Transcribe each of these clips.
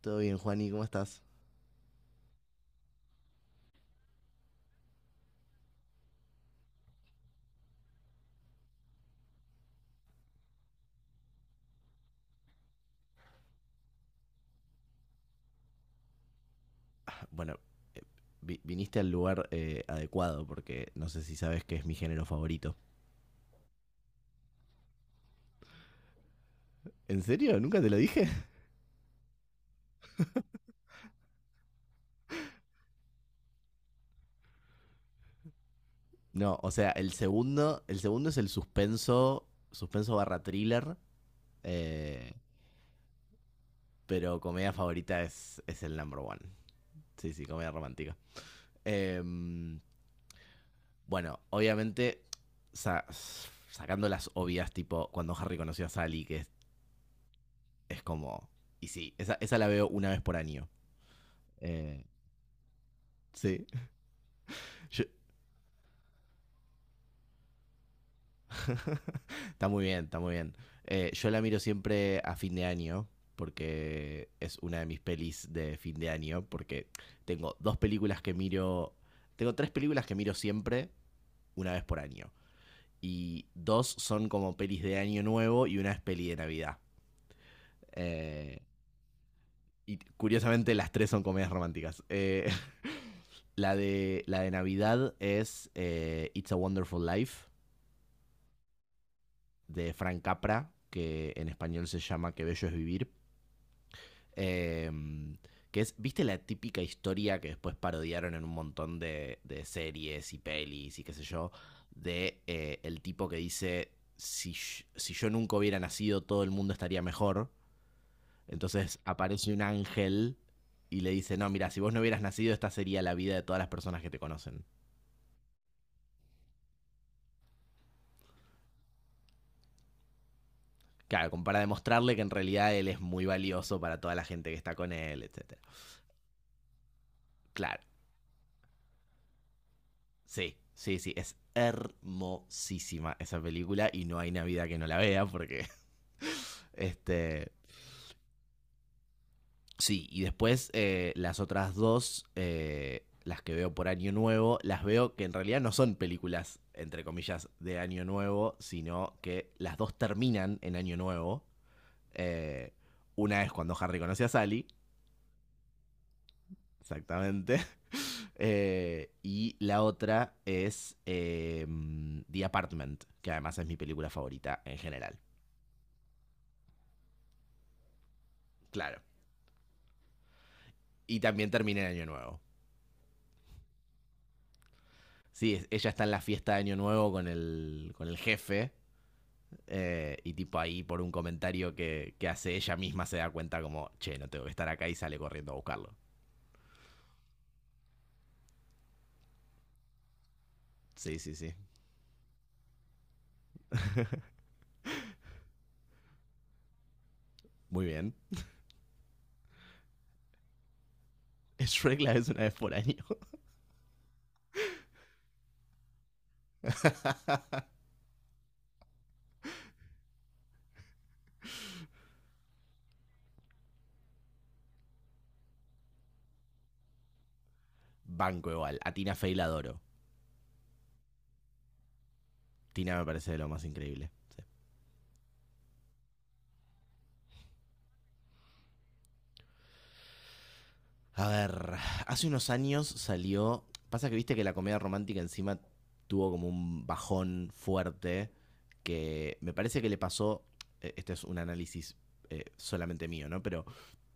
Todo bien, Juani, ¿cómo estás? Bueno, viniste al lugar adecuado porque no sé si sabes que es mi género favorito. ¿En serio? ¿Nunca te lo dije? No, o sea, el segundo es el suspenso, suspenso barra thriller, eh, pero comedia favorita es el number one. Sí, sí, comedia romántica. Em, bueno, obviamente, sacando las obvias, tipo cuando Harry conoció a Sally, que es como... Y sí, esa la veo una vez por año. Eh, sí, yo, está muy bien, está muy bien. Yo la miro siempre a fin de año, porque es una de mis pelis de fin de año, porque tengo dos películas que miro, tengo tres películas que miro siempre una vez por año. Y dos son como pelis de año nuevo y una es peli de Navidad. Eh, y curiosamente las tres son comedias románticas. La de Navidad es It's a Wonderful Life, de Frank Capra, que en español se llama Qué Bello es Vivir. Eh, que es, ¿viste la típica historia que después parodiaron en un montón de series y pelis y qué sé yo? De el tipo que dice, si, si yo nunca hubiera nacido, todo el mundo estaría mejor. Entonces aparece un ángel y le dice, no, mira, si vos no hubieras nacido, esta sería la vida de todas las personas que te conocen. Claro, como para demostrarle que en realidad él es muy valioso para toda la gente que está con él, etcétera. Claro. Sí, sí, sí, es hermosísima esa película y no hay Navidad que no la vea porque... este, sí, y después las otras dos, las que veo por Año Nuevo, las veo que en realidad no son películas, entre comillas, de Año Nuevo, sino que las dos terminan en Año Nuevo. Eh, una es cuando Harry conoce a Sally, exactamente, y la otra es The Apartment, que además es mi película favorita en general. Claro. Y también termina el año nuevo. Sí, ella está en la fiesta de año nuevo con el jefe. Y tipo ahí por un comentario que hace ella misma se da cuenta como, che, no tengo que estar acá y sale corriendo a buscarlo. Sí, sí, sí. Muy bien. Shrek la ves una vez por año. Banco igual. A Tina Fey la adoro. Tina me parece de lo más increíble. A ver, hace unos años salió. Pasa que viste que la comedia romántica encima tuvo como un bajón fuerte que me parece que le pasó. Este es un análisis solamente mío, ¿no? Pero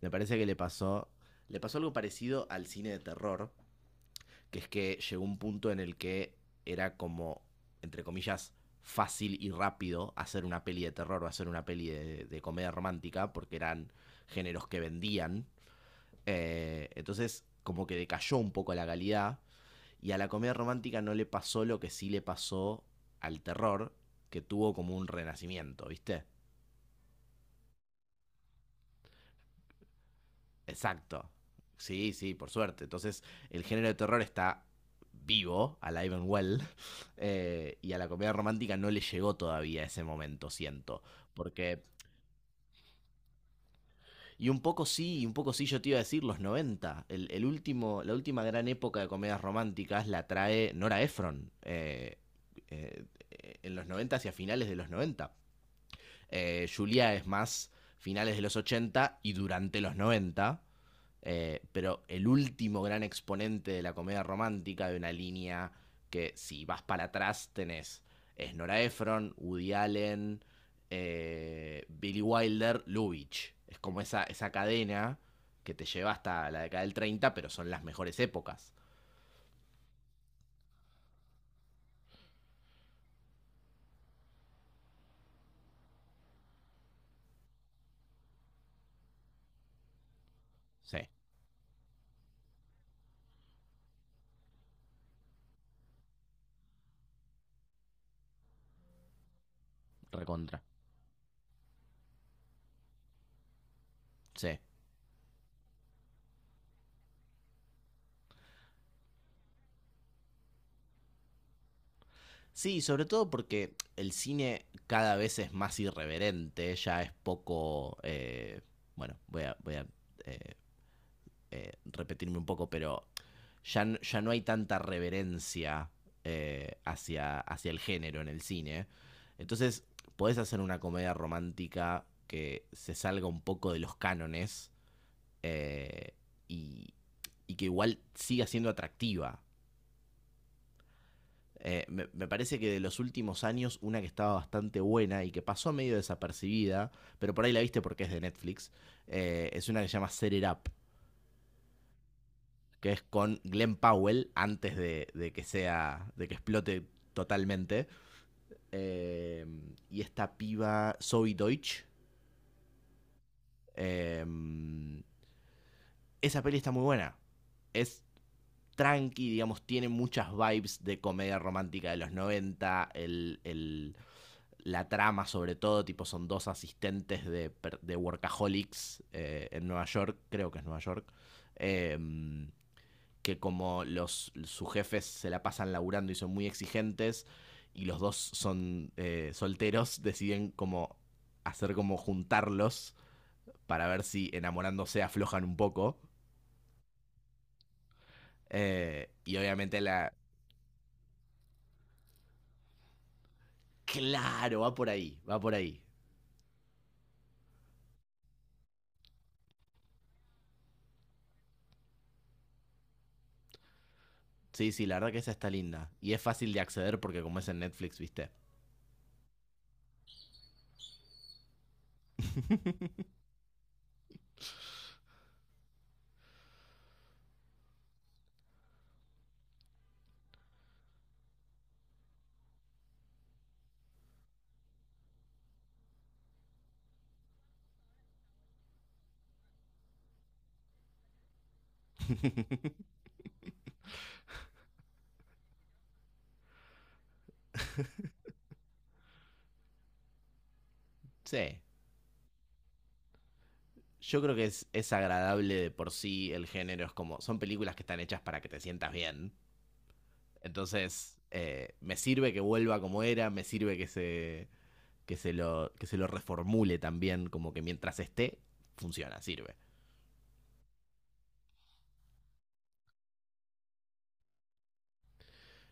me parece que le pasó. Le pasó algo parecido al cine de terror, que es que llegó un punto en el que era como, entre comillas, fácil y rápido hacer una peli de terror o hacer una peli de comedia romántica, porque eran géneros que vendían, entonces, como que decayó un poco la calidad. Y a la comedia romántica no le pasó lo que sí le pasó al terror, que tuvo como un renacimiento, ¿viste? Exacto. Sí, sí, por suerte. Entonces, el género de terror está vivo, alive and well. Y a la comedia romántica no le llegó todavía ese momento, siento. Porque... Y un poco sí, y un poco sí yo te iba a decir los noventa. El último, la última gran época de comedias románticas la trae Nora Ephron, eh, en los 90, hacia finales de los noventa. Julia es más finales de los 80 y durante los noventa, pero el último gran exponente de la comedia romántica de una línea que si vas para atrás tenés es Nora Ephron, Woody Allen, Billy Wilder, Lubitsch. Es como esa cadena que te lleva hasta la década del treinta, pero son las mejores épocas. Sí, recontra. Sí. Sí, sobre todo porque el cine cada vez es más irreverente, ya es poco... bueno, eh, repetirme un poco, pero ya no hay tanta reverencia, hacia, hacia el género en el cine. Entonces, podés hacer una comedia romántica que se salga un poco de los cánones, eh, y, y que igual siga siendo atractiva. Me parece que de los últimos años, una que estaba bastante buena y que pasó medio desapercibida, pero por ahí la viste porque es de Netflix, es una que se llama Set It Up, que es con Glenn Powell antes de que sea, de que explote totalmente. Eh, y esta piba Zoe Deutsch, eh, esa peli está muy buena. Es tranqui, digamos, tiene muchas vibes de comedia romántica de los noventa, el la trama sobre todo, tipo son dos asistentes de workaholics en Nueva York, creo que es Nueva York, eh, que como los, sus jefes se la pasan laburando y son muy exigentes y los dos son solteros, deciden como hacer como juntarlos para ver si enamorándose aflojan un poco. Y obviamente la... Claro, va por ahí, va por ahí. Sí, sí, la verdad que esa está linda. Y es fácil de acceder porque como es en Netflix, viste. Sí, yo creo que es agradable de por sí el género. Es como, son películas que están hechas para que te sientas bien. Entonces, me sirve que vuelva como era, me sirve que se lo reformule también, como que mientras esté, funciona, sirve.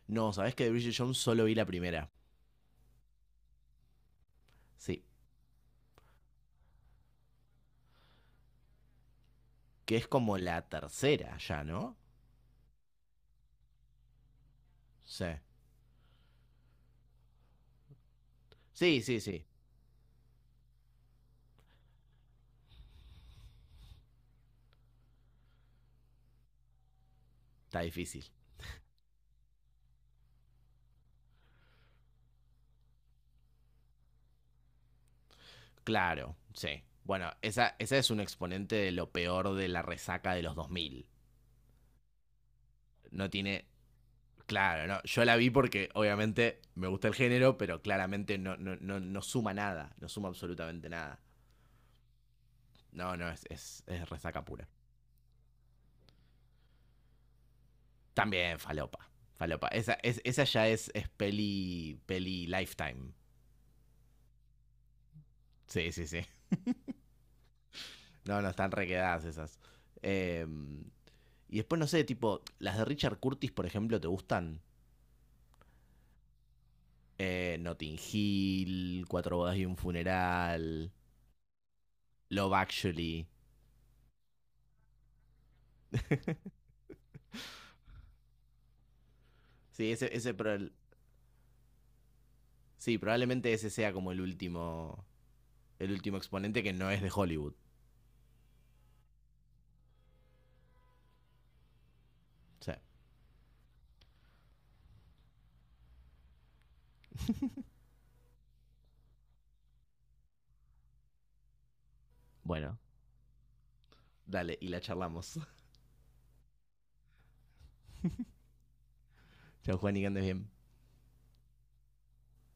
No, ¿sabés que de Bridget Jones solo vi la primera? Sí, que es como la tercera ya, ¿no? Sí. Sí, sí, sí. Está difícil. Claro, sí. Bueno, esa es un exponente de lo peor de la resaca de los dos mil. No tiene... Claro, no, yo la vi porque obviamente me gusta el género, pero claramente no, no, no, no suma nada, no suma absolutamente nada. No, no, es resaca pura. También falopa, falopa. Esa, es, esa ya es peli, peli lifetime. Sí, sí, sí. No, no, están requedadas esas. Eh, y después, no sé, tipo, las de Richard Curtis, por ejemplo, ¿te gustan? Notting Hill, Cuatro bodas y un funeral, Love Actually. Sí, ese, sí, probablemente ese sea como el último exponente que no es de Hollywood. O sea... Bueno, dale, y la charlamos. Chao, Juan, y que andes bien.